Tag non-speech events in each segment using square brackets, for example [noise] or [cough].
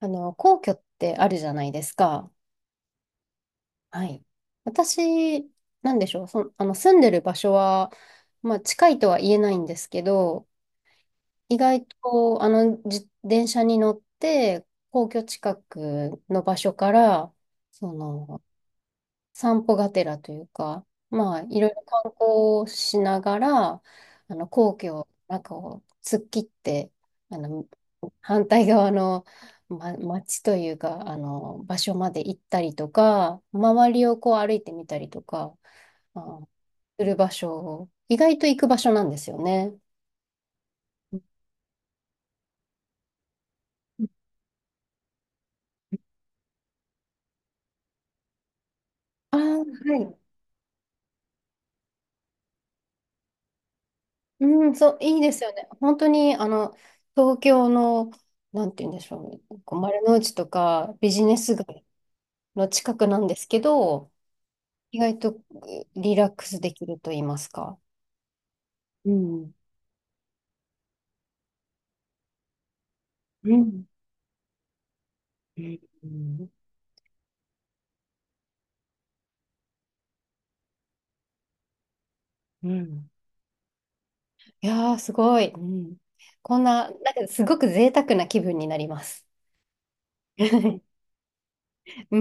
皇居ってあるじゃないですか。はい。私、なんでしょう。住んでる場所は、まあ、近いとは言えないんですけど、意外と、自電車に乗って、皇居近くの場所から、その、散歩がてらというか、まあ、いろいろ観光をしながら、皇居を、なんかを突っ切って、あの、反対側の、ま、町というか、場所まで行ったりとか、周りをこう歩いてみたりとか、あ、する場所を、意外と行く場所なんですよね。あー、はい。うん、そう、いいですよね。本当に、東京の、なんて言うんでしょうね。こう丸の内とかビジネス街の近くなんですけど、意外とリラックスできると言いますか。うん。うん。うん。うん。いやー、すごい。うん。こんな、なんかすごく贅沢な気分になります。[laughs] う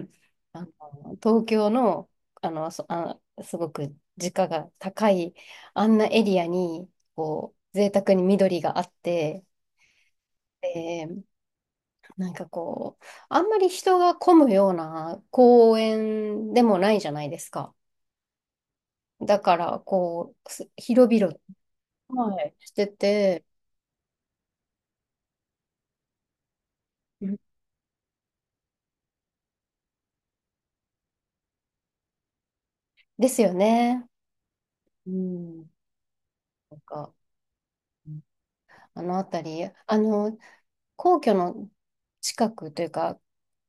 ん。[laughs] 東京の、すごく時価が高い、あんなエリアに、こう、贅沢に緑があって、で、なんかこう、あんまり人が混むような公園でもないじゃないですか。だから、こう、広々、はい。してて、うん、ですよね。うん。なんか、うん、あの辺り、皇居の近くというか、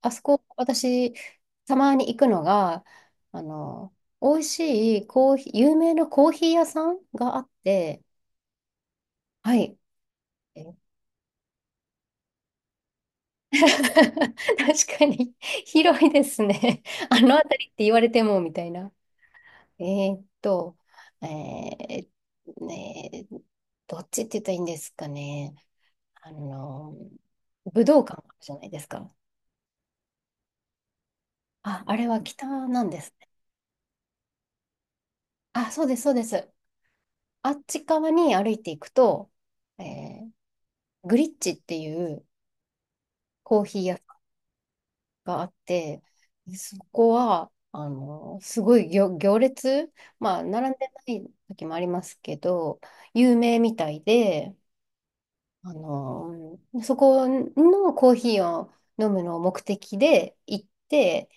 あそこ、私、たまに行くのが、あの、美味しいコーヒー、有名なコーヒー屋さんがあって、はい。[laughs] 確かに、広いですね。[laughs] あの辺りって言われても、みたいな。えーっと、えーねーどっちって言ったらいいんですかね。あの、武道館あるじゃないですか。あ、あれは北なんですね。あ、そうです、そうです。あっち側に歩いていくと、えーグリッチっていうコーヒー屋があって、そこは、すごい行列、まあ、並んでない時もありますけど、有名みたいで、そこのコーヒーを飲むのを目的で行って、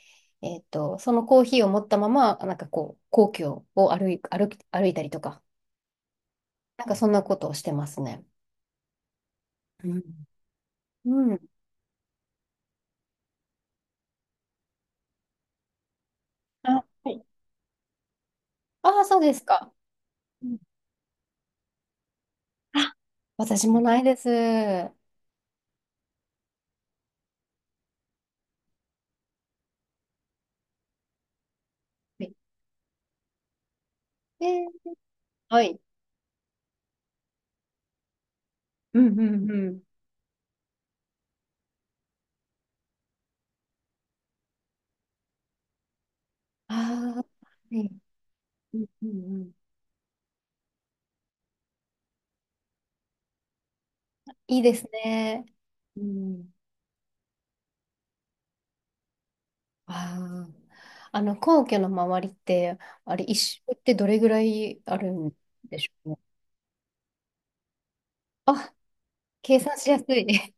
そのコーヒーを持ったまま、なんかこう、皇居を歩いたりとか、なんかそんなことをしてますね。うん。うん。あ、はい。ああ、そうですか。うん、あ、私もないです。はい。で、はい。うんうんうん。ああ、はい。うんうんうん、いいですね。うん。うん、ああ。皇居の周りって、あれ、一周ってどれぐらいあるんでしょうね。あ、計算しやすい。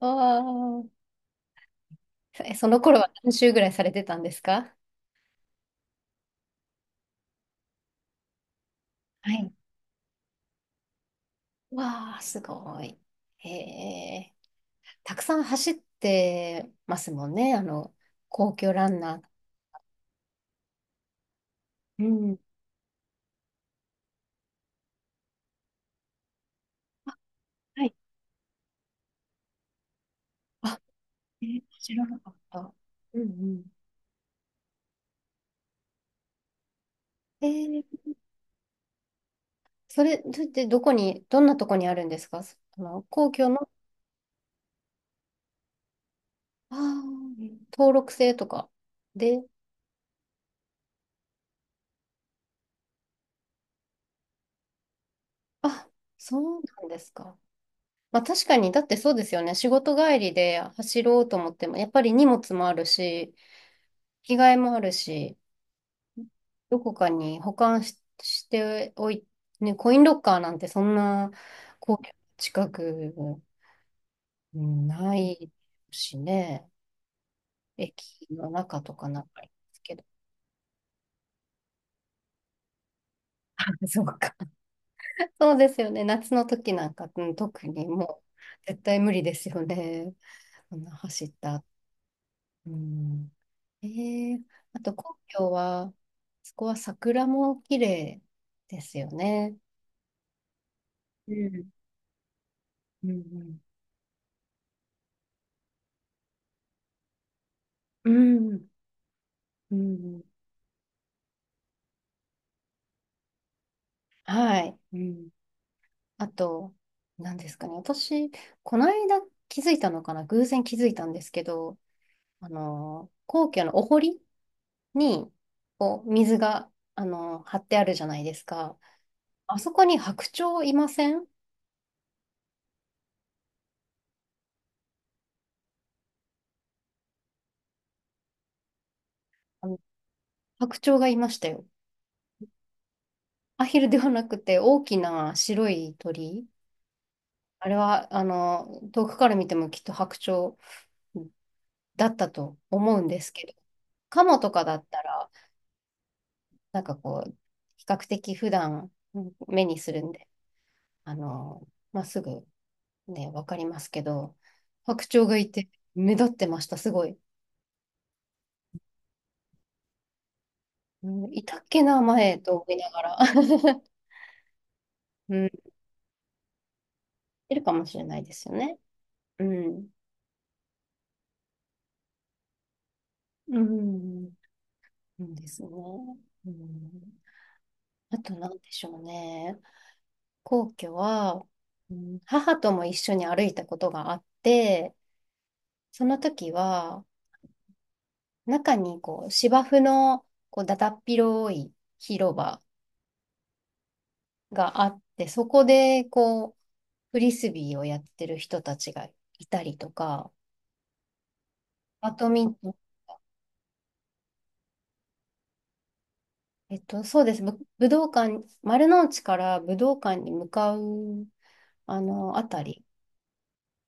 [laughs] ああ。その頃は何周ぐらいされてたんですか？はい。わあ、すごい。へえ。たくさん走ってますもんね、あの、皇居ランナー。うん。はい。知らなかった。うんうん。えー、それってどこに、どんなとこにあるんですか？そあの、皇居のあ登録制とかで、あ、そうなんですか。まあ確かに、だってそうですよね。仕事帰りで走ろうと思っても、やっぱり荷物もあるし、着替えもあるし、どこかに保管し、しておい、ね、コインロッカーなんてそんな皇居の近く、うんないしね。駅の中とかなんかですけど。あ、そうか。[laughs] そうですよね。夏の時なんか、うん、特にもう絶対無理ですよね。[laughs] そんな走った。うん。えー、あと皇居は、そこは桜も綺麗ですよね。うん。うんうん。うん。うん、はい。うん。あと、何ですかね。私、この間気づいたのかな。偶然気づいたんですけど、皇居のお堀に、こう、水が、張ってあるじゃないですか。あそこに白鳥いません？あの白鳥がいましたよ。アヒルではなくて大きな白い鳥。あれは、遠くから見てもきっと白鳥だったと思うんですけど、カモとかだったら、なんかこう、比較的普段目にするんで、あの、まあ、すぐね、わかりますけど、白鳥がいて目立ってました、すごい。うん、いたっけな、前と思いながら。[laughs] うん、いるかもしれないですよね。うん。うん。うん、ですね。うん。あと何でしょうね。皇居は、うん、母とも一緒に歩いたことがあって、その時は、中にこう芝生のこうだだっ広い広場があって、そこでこう、フリスビーをやってる人たちがいたりとか、バドミントえっと、そうです。武道館、丸の内から武道館に向かう、あの、あたり、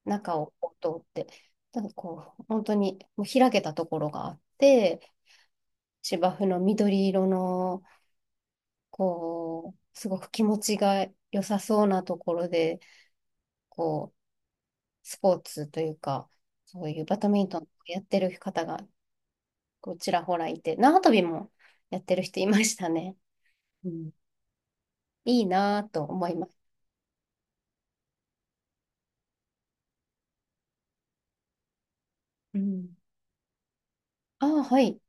中をこう通って、なんかこう、本当にもう開けたところがあって、芝生の緑色の、こう、すごく気持ちが良さそうなところで、こう、スポーツというか、そういうバドミントンをやってる方が、こう、ちらほらいて、縄跳びもやってる人いましたね。うん、いいなぁと思います。うん、ああ、はい。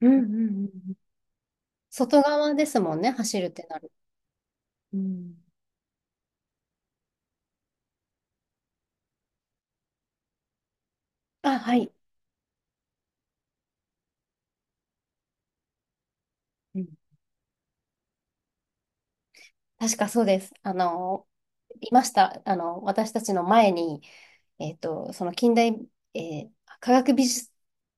うんうんうんうん外側ですもんね、走るってなる。うん。あ、はい。うん。確かそうです。いました。私たちの前に、えっと、その近代、えー科学美術、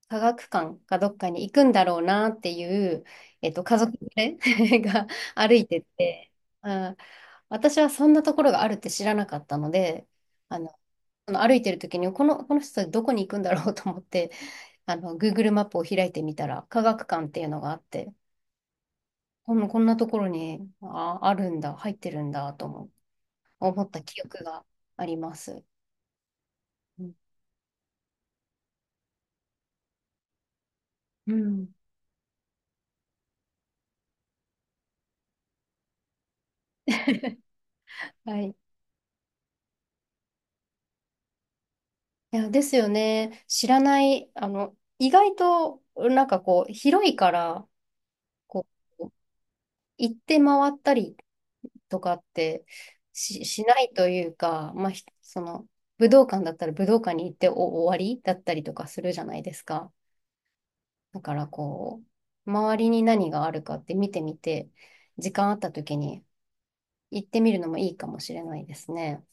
科学館かどっかに行くんだろうなっていう、家族連れ [laughs] が歩いてて、あ、私はそんなところがあるって知らなかったので、あの、その歩いてる時に、この人たちどこに行くんだろうと思って、Google マップを開いてみたら、科学館っていうのがあって、こんなところに、あ、あるんだ、入ってるんだ、とも思った記憶があります。うんうん。[laughs] はい。いや、ですよね。知らない、意外と、なんかこう、広いから、こう、行って回ったりとかってしないというか、まあ、ひその、武道館だったら武道館に行ってお終わりだったりとかするじゃないですか。だからこう、周りに何があるかって見てみて、時間あった時に行ってみるのもいいかもしれないですね。